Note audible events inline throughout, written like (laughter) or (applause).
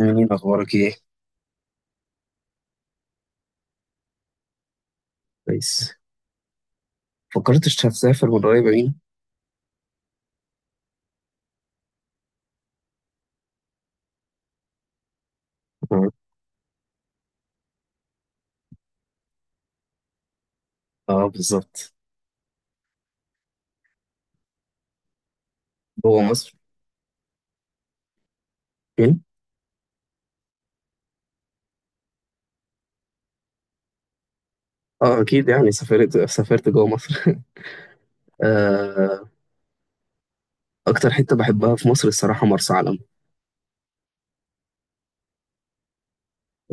أمين، أخبارك إيه؟ كويس. فكرتش هتسافر من قريب أمين؟ آه. آه، بالظبط. جوه مصر فين؟ آه، أكيد يعني سافرت سافرت جوه مصر (laughs) آه. أكتر حتة بحبها في مصر الصراحة مرسى علم.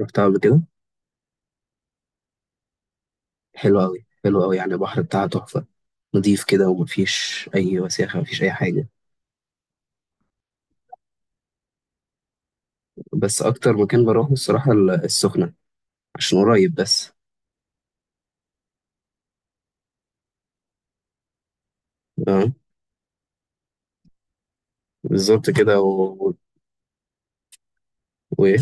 رحتها قبل كده. حلوة أوي، حلوة أوي، يعني البحر بتاعها تحفة. نضيف كده، ومفيش أي وساخة، مفيش أي حاجة. بس أكتر مكان بروحه الصراحة السخنة، عشان قريب بس. آه، بالظبط كده وإيه؟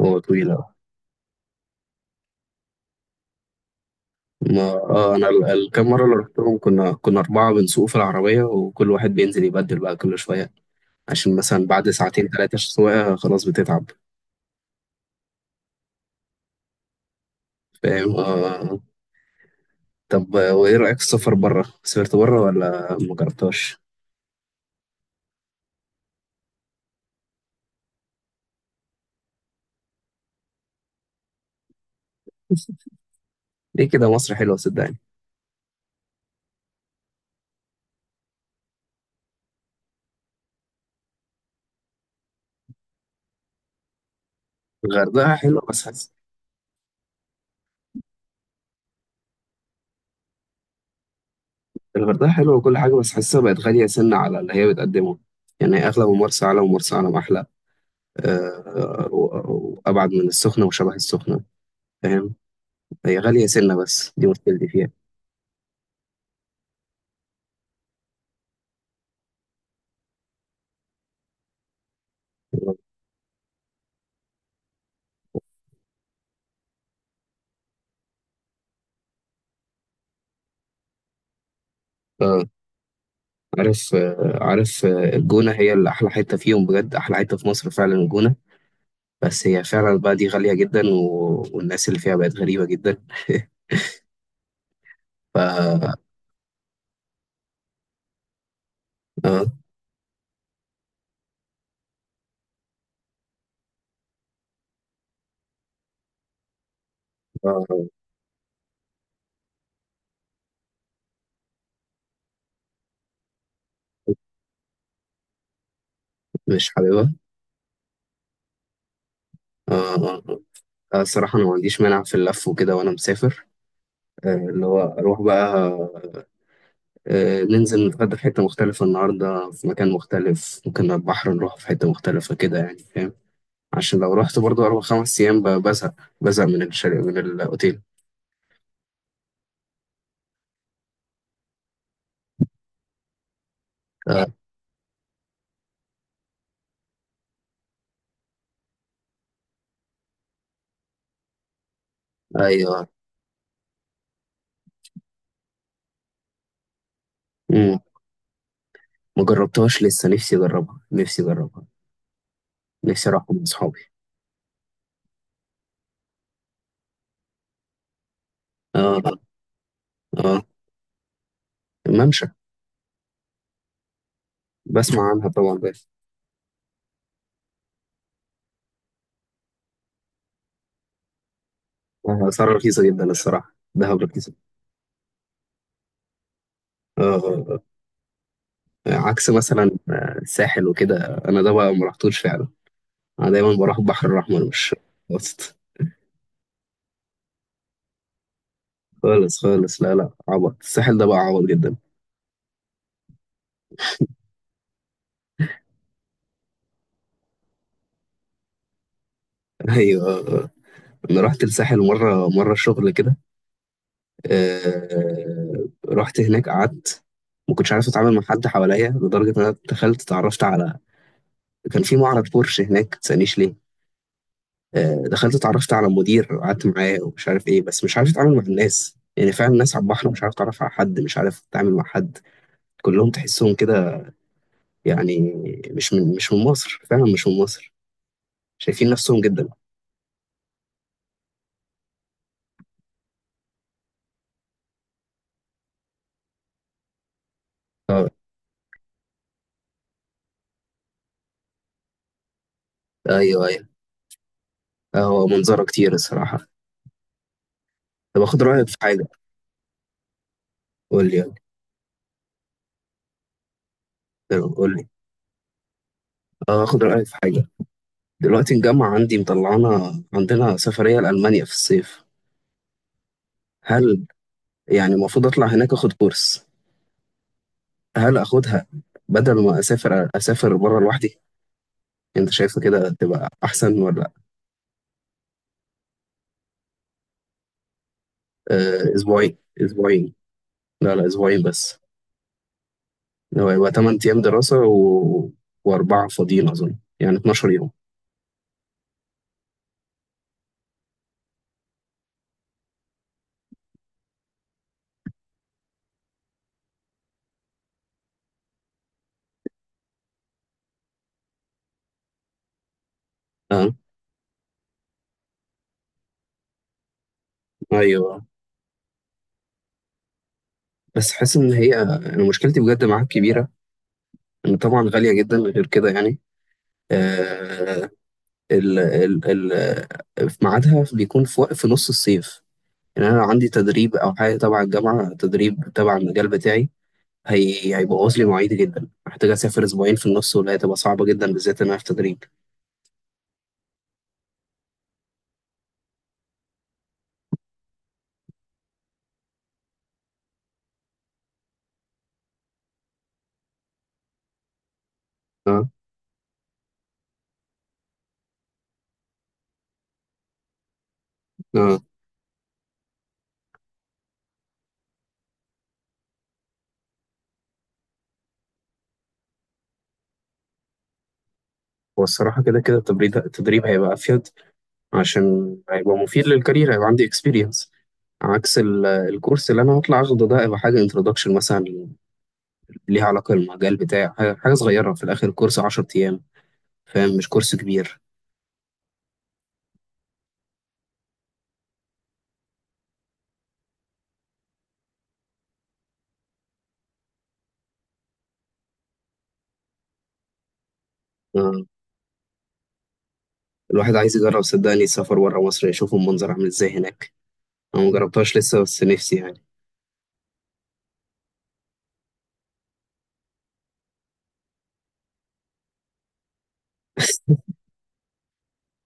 هو طويلة. ما اه، انا الكام مره اللي رحتهم كنا اربعه بنسوق في العربيه، وكل واحد بينزل يبدل بقى كل شويه، عشان مثلا بعد ساعتين ثلاثه سواقه خلاص بتتعب. فاهم؟ آه. طب آه، وايه رايك في السفر بره؟ سافرت بره ولا ما جربتهاش؟ ليه كده؟ مصر حلوه صدقني. الغردقه حلوه بس حاسس. الغردقه حلوه وكل حاجه، بس حاسسها بقت غاليه سنه على اللي هي بتقدمه. يعني اغلى من مرسى علم، ومرسى علم احلى. آه، وابعد من السخنه وشبه السخنه. فاهم؟ هي غاليه سنه، بس دي مشكلتي فيها. اه، عارف آه، عارف آه، الجونة هي اللي أحلى حتة فيهم، بجد أحلى حتة في مصر فعلا الجونة. بس هي فعلا بقى دي غالية جدا والناس اللي فيها بقت غريبة جدا. ف آه، آه، مش حاببها. آه، آه، آه، الصراحة أنا ما عنديش مانع في اللف وكده وأنا مسافر. آه، اللي هو أروح بقى. آه، ننزل نتغدى في حتة مختلفة النهاردة، في مكان مختلف، ممكن على البحر نروح في حتة مختلفة كده يعني. فاهم؟ عشان لو رحت برضه أربع خمس أيام بزهق. بزهق من من الأوتيل. آه، ايوه. امم، ما جربتهاش لسه. نفسي اجربها، نفسي اجربها. نفسي اروح مع اصحابي. اه. اه، الممشى. بسمع عنها طبعا بس. آه، اسعارها رخيصه جدا الصراحه، دهب رخيصه. اه آه، آه. عكس مثلا آه، الساحل وكده. انا ده بقى ما رحتوش فعلا. انا دايما بروح البحر الاحمر، مش وسط. خالص خالص، لا لا، عبط الساحل ده بقى، عبط جدا (laughs) ايوه. انا رحت الساحل مره مره شغل كده. آه، رحت هناك قعدت، ما كنتش عارف اتعامل مع حد حواليا، لدرجه ان انا دخلت اتعرفت على، كان في معرض بورش هناك، ما تسألنيش ليه. آه، دخلت اتعرفت على المدير وقعدت معاه ومش عارف ايه، بس مش عارف اتعامل مع الناس يعني. فعلا الناس على البحر، مش عارف اتعرف على حد، مش عارف اتعامل مع حد. كلهم تحسهم كده يعني، مش من مصر، فعلا مش من مصر. شايفين نفسهم جدا. اه. ايوه، ايوه. آه، هو منظره كتير الصراحه. طب اخد رايك في حاجه. قول لي يلا. يلا، قول لي. آه، اخد رايك في حاجه. دلوقتي الجامعه عندي مطلعانا، عندنا سفريه لالمانيا في الصيف. هل يعني المفروض اطلع هناك اخد كورس؟ هل اخدها بدل ما اسافر، اسافر بره لوحدي؟ انت شايفه كده تبقى احسن ولا؟ آه، اسبوعين اسبوعين. لا لا، اسبوعين بس. لو هيبقى 8 ايام دراسه واربعه فاضيين، اظن يعني 12 يوم. اه. ايوه. بس حاسس ان هي، انا مشكلتي بجد معاك كبيره، ان طبعا غاليه جدا غير كده يعني. آه. ال... ال... في ميعادها بيكون في في نص الصيف. يعني انا عندي تدريب او حاجه تبع الجامعه، تدريب تبع المجال بتاعي. هي هيبوظ لي مواعيدي جدا. محتاج اسافر اسبوعين في النص ولا هتبقى صعبه جدا بالذات ان انا في تدريب. اه، اه. هو الصراحه كده كده التدريب هيبقى افيد، عشان هيبقى مفيد للكارير، هيبقى عندي اكسبيرينس. عكس الكورس اللي انا هطلع اخده ده، هيبقى حاجه انتروداكشن مثلا. ليها علاقه بالمجال بتاعي، حاجة صغيره في الاخر، كورس 10 ايام. فاهم؟ مش كورس كبير. آه. الواحد عايز يجرب صدقني السفر بره مصر، يشوف المنظر عامل ازاي هناك. انا مجربتهاش لسه بس نفسي يعني. (laughs)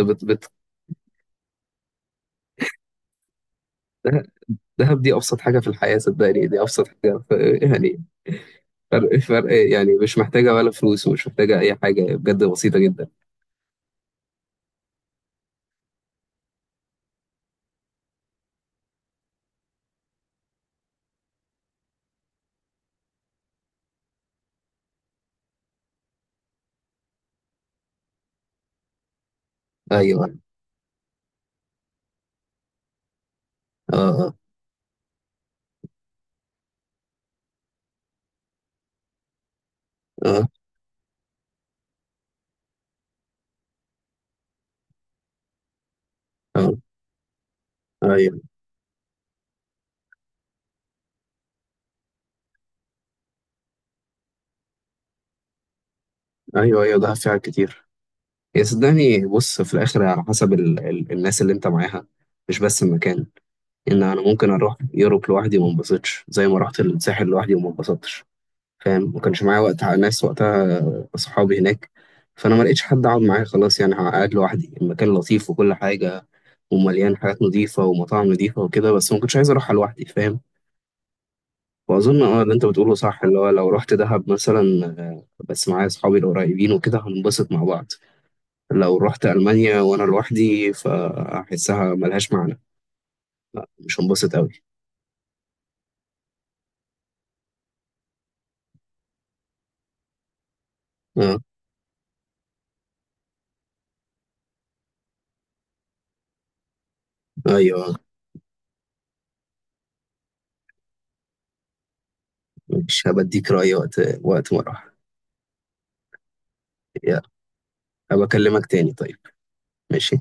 انت بت. دهب دي أبسط حاجة في الحياة صدقني، دي أبسط حاجة (laughs) يعني. فرق يعني، مش محتاجة ولا فلوس، ومش محتاجة أي حاجة، بجد بسيطة جدا. أيوه. أه، أه، أه. آه، أيوه، أيوه. أيوه، دهب فيها كتير. يا صدقني، بص في الآخر على حسب ال الناس اللي أنت معاها، مش بس المكان. إن أنا ممكن أروح يوروب لوحدي وما انبسطش، زي ما رحت الساحل لوحدي وما انبسطتش. فاهم؟ ما كانش معايا وقت ناس، وقتها أصحابي هناك، فأنا ما لقيتش حد أقعد معاه. خلاص يعني قاعد لوحدي، المكان لطيف وكل حاجة، ومليان حاجات نظيفة ومطاعم نظيفة وكده، بس ما كنتش عايز أروحها لوحدي. فاهم؟ وأظن أه اللي أنت بتقوله صح، اللي هو لو رحت دهب مثلا آه، بس معايا أصحابي القريبين وكده هننبسط مع بعض. لو رحت ألمانيا وأنا لوحدي فأحسها ملهاش معنى. لا، مش هنبسط أوي. أه. أيوه. مش هبديك رأي وقت ما أروح. يا، هبكلمك تاني طيب. ماشي.